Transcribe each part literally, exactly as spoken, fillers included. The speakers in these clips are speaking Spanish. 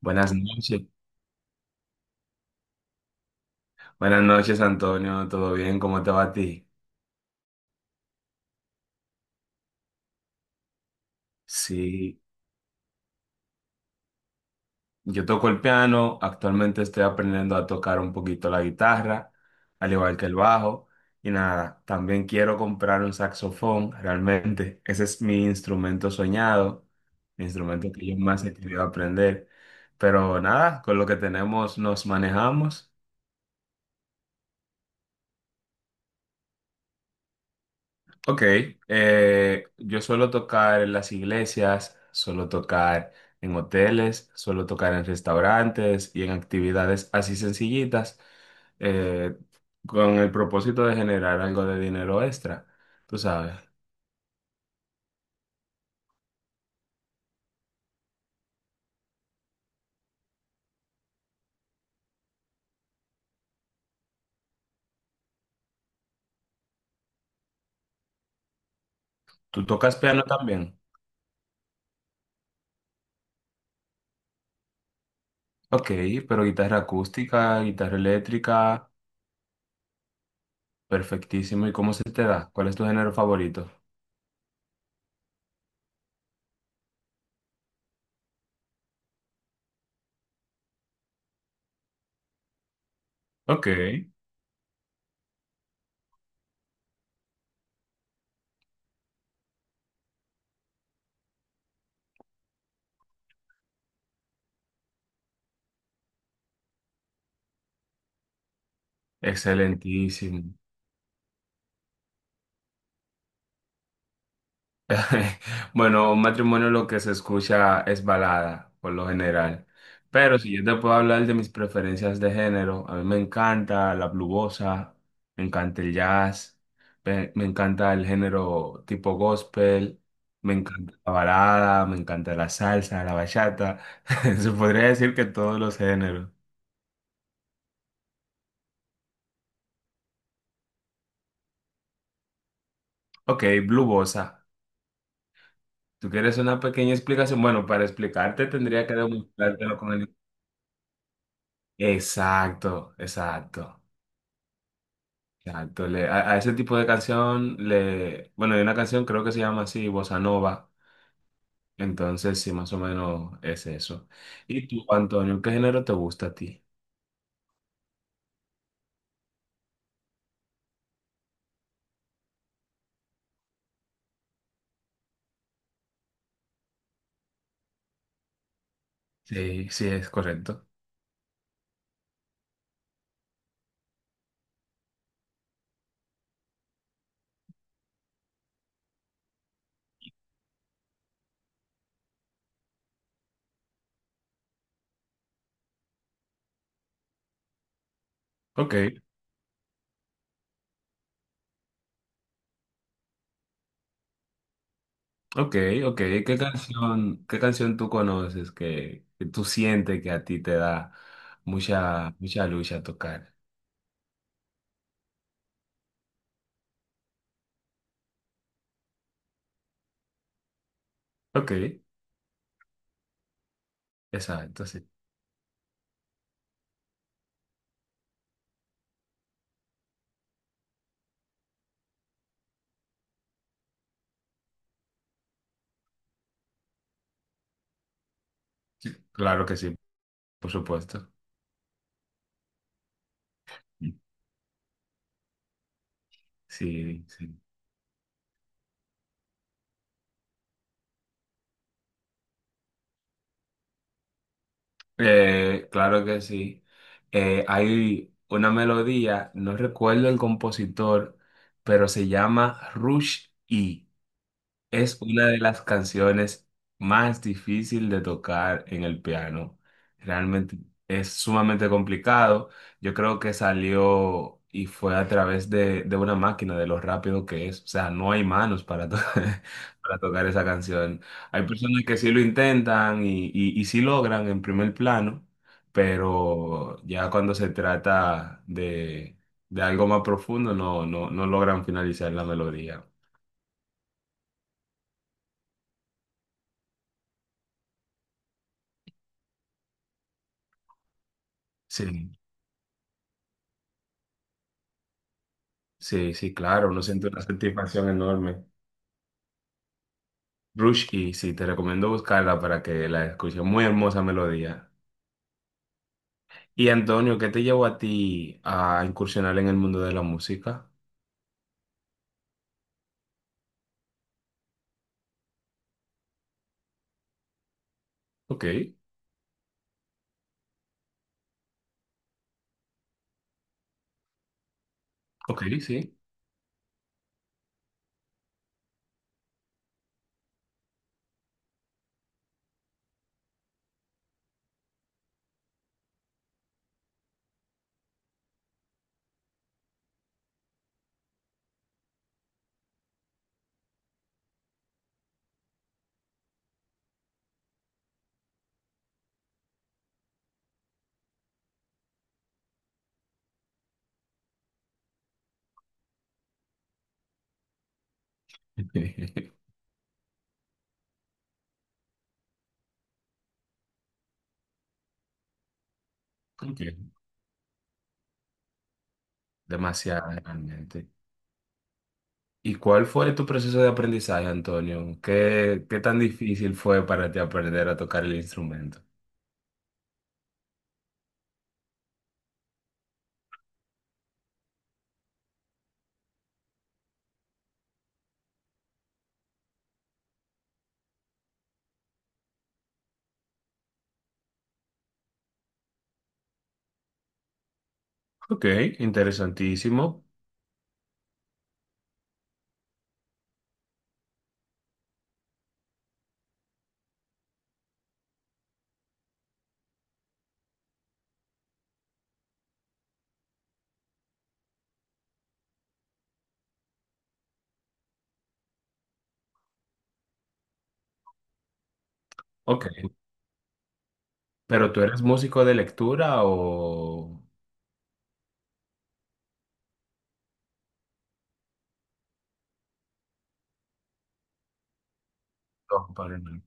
Buenas noches. Buenas noches, Antonio. ¿Todo bien? ¿Cómo te va a ti? Sí, yo toco el piano. Actualmente estoy aprendiendo a tocar un poquito la guitarra, al igual que el bajo. Y nada, también quiero comprar un saxofón, realmente. Ese es mi instrumento soñado, mi instrumento que yo más he querido aprender. Pero nada, con lo que tenemos nos manejamos. Ok, eh, yo suelo tocar en las iglesias, suelo tocar en hoteles, suelo tocar en restaurantes y en actividades así sencillitas, eh, con el propósito de generar algo de dinero extra. Tú sabes, ¿tú tocas piano también? Ok, pero guitarra acústica, guitarra eléctrica, perfectísimo. ¿Y cómo se te da? ¿Cuál es tu género favorito? Ok, excelentísimo. Bueno, un matrimonio lo que se escucha es balada, por lo general. Pero si yo te puedo hablar de mis preferencias de género, a mí me encanta la blubosa, me encanta el jazz, me, me encanta el género tipo gospel, me encanta la balada, me encanta la salsa, la bachata. Se podría decir que todos los géneros. Ok, blubosa. ¿Tú quieres una pequeña explicación? Bueno, para explicarte tendría que demostrártelo con el... Exacto, exacto. Exacto, le- a, a ese tipo de canción le, bueno, hay una canción creo que se llama así, Bossa Nova, entonces sí, más o menos es eso. ¿Y tú, Antonio, qué género te gusta a ti? Sí, sí, es correcto. Ok, ok, ok. ¿Qué canción, qué canción tú conoces que, que tú sientes que a ti te da mucha, mucha lucha tocar? Ok, exacto, sí. Sí, claro que sí, por supuesto. Sí, sí. Eh, claro que sí. Eh, hay una melodía, no recuerdo el compositor, pero se llama rush i. Es una de las canciones más difíciles de tocar en el piano. Realmente es sumamente complicado. Yo creo que salió y fue a través de, de una máquina, de lo rápido que es. O sea, no hay manos para, to- para tocar esa canción. Hay personas que sí lo intentan y, y, y sí logran en primer plano, pero ya cuando se trata de, de algo más profundo, no, no, no logran finalizar la melodía. Sí. Sí, sí, claro, uno siente una satisfacción enorme. Rush y sí, te recomiendo buscarla para que la escuches. Muy hermosa melodía. Y Antonio, ¿qué te llevó a ti a incursionar en el mundo de la música? Ok, ok, sí. Ok, demasiado, realmente. ¿Y cuál fue tu proceso de aprendizaje, Antonio? ¿Qué, qué tan difícil fue para ti aprender a tocar el instrumento? Ok, interesantísimo. Ok, ¿pero tú eres músico de lectura o...? No, para nada.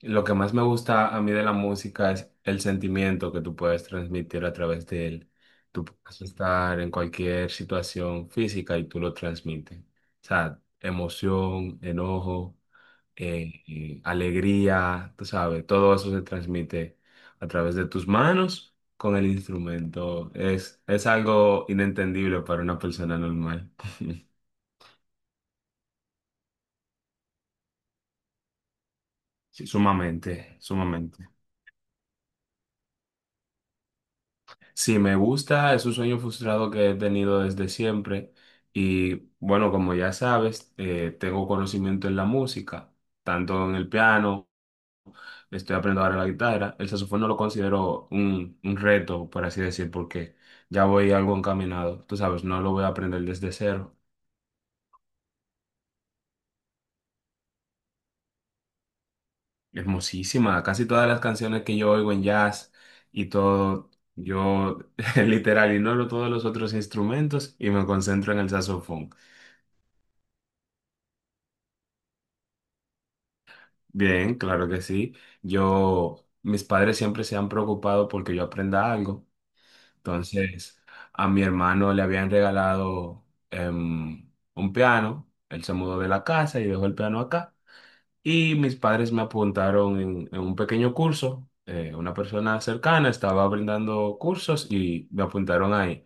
Lo que más me gusta a mí de la música es el sentimiento que tú puedes transmitir a través de él. Tú puedes estar en cualquier situación física y tú lo transmites. O sea, emoción, enojo, eh, eh, alegría, tú sabes, todo eso se transmite a través de tus manos con el instrumento. Es, es algo inentendible para una persona normal. Sí, sumamente, sumamente. Sí, me gusta, es un sueño frustrado que he tenido desde siempre y bueno, como ya sabes, eh, tengo conocimiento en la música, tanto en el piano, estoy aprendiendo ahora la guitarra, el saxofón no lo considero un, un reto, por así decir, porque ya voy algo encaminado, tú sabes, no lo voy a aprender desde cero. Hermosísima, casi todas las canciones que yo oigo en jazz y todo, yo literal ignoro todos los otros instrumentos y me concentro en el saxofón. Bien, claro que sí. Yo, mis padres siempre se han preocupado porque yo aprenda algo. Entonces, a mi hermano le habían regalado em, un piano. Él se mudó de la casa y dejó el piano acá. Y mis padres me apuntaron en, en un pequeño curso. Eh, una persona cercana estaba brindando cursos y me apuntaron ahí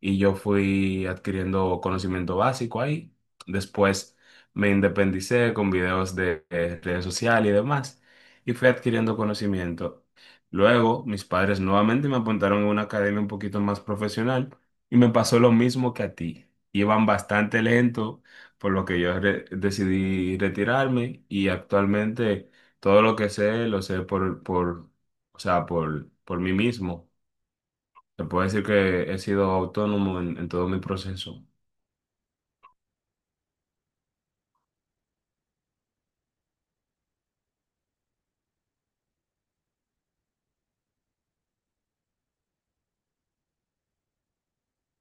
y yo fui adquiriendo conocimiento básico ahí. Después me independicé con videos de, eh, redes sociales y demás y fui adquiriendo conocimiento. Luego mis padres nuevamente me apuntaron a una academia un poquito más profesional y me pasó lo mismo que a ti. Iban bastante lento, por lo que yo re- decidí retirarme y actualmente todo lo que sé lo sé por, por, o sea, por, por mí mismo. Te puedo decir que he sido autónomo en, en todo mi proceso.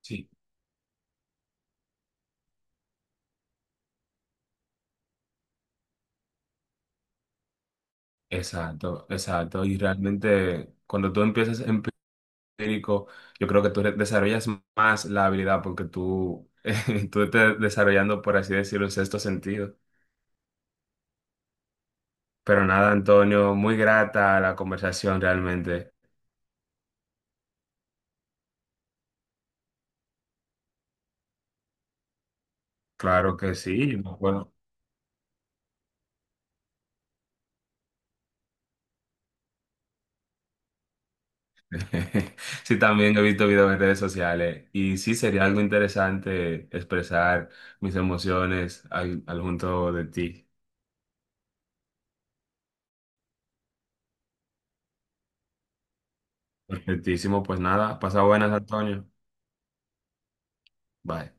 Sí, exacto, exacto. Y realmente cuando tú empiezas empírico, yo creo que tú re- desarrollas más la habilidad porque tú, tú te desarrollando, por así decirlo, un sexto sentido. Pero nada, Antonio, muy grata la conversación realmente. Claro que sí, bueno. Sí, también he visto videos en redes sociales y sí sería algo interesante expresar mis emociones al, al junto de ti. Perfectísimo, pues nada, pasa buenas, Antonio. Bye.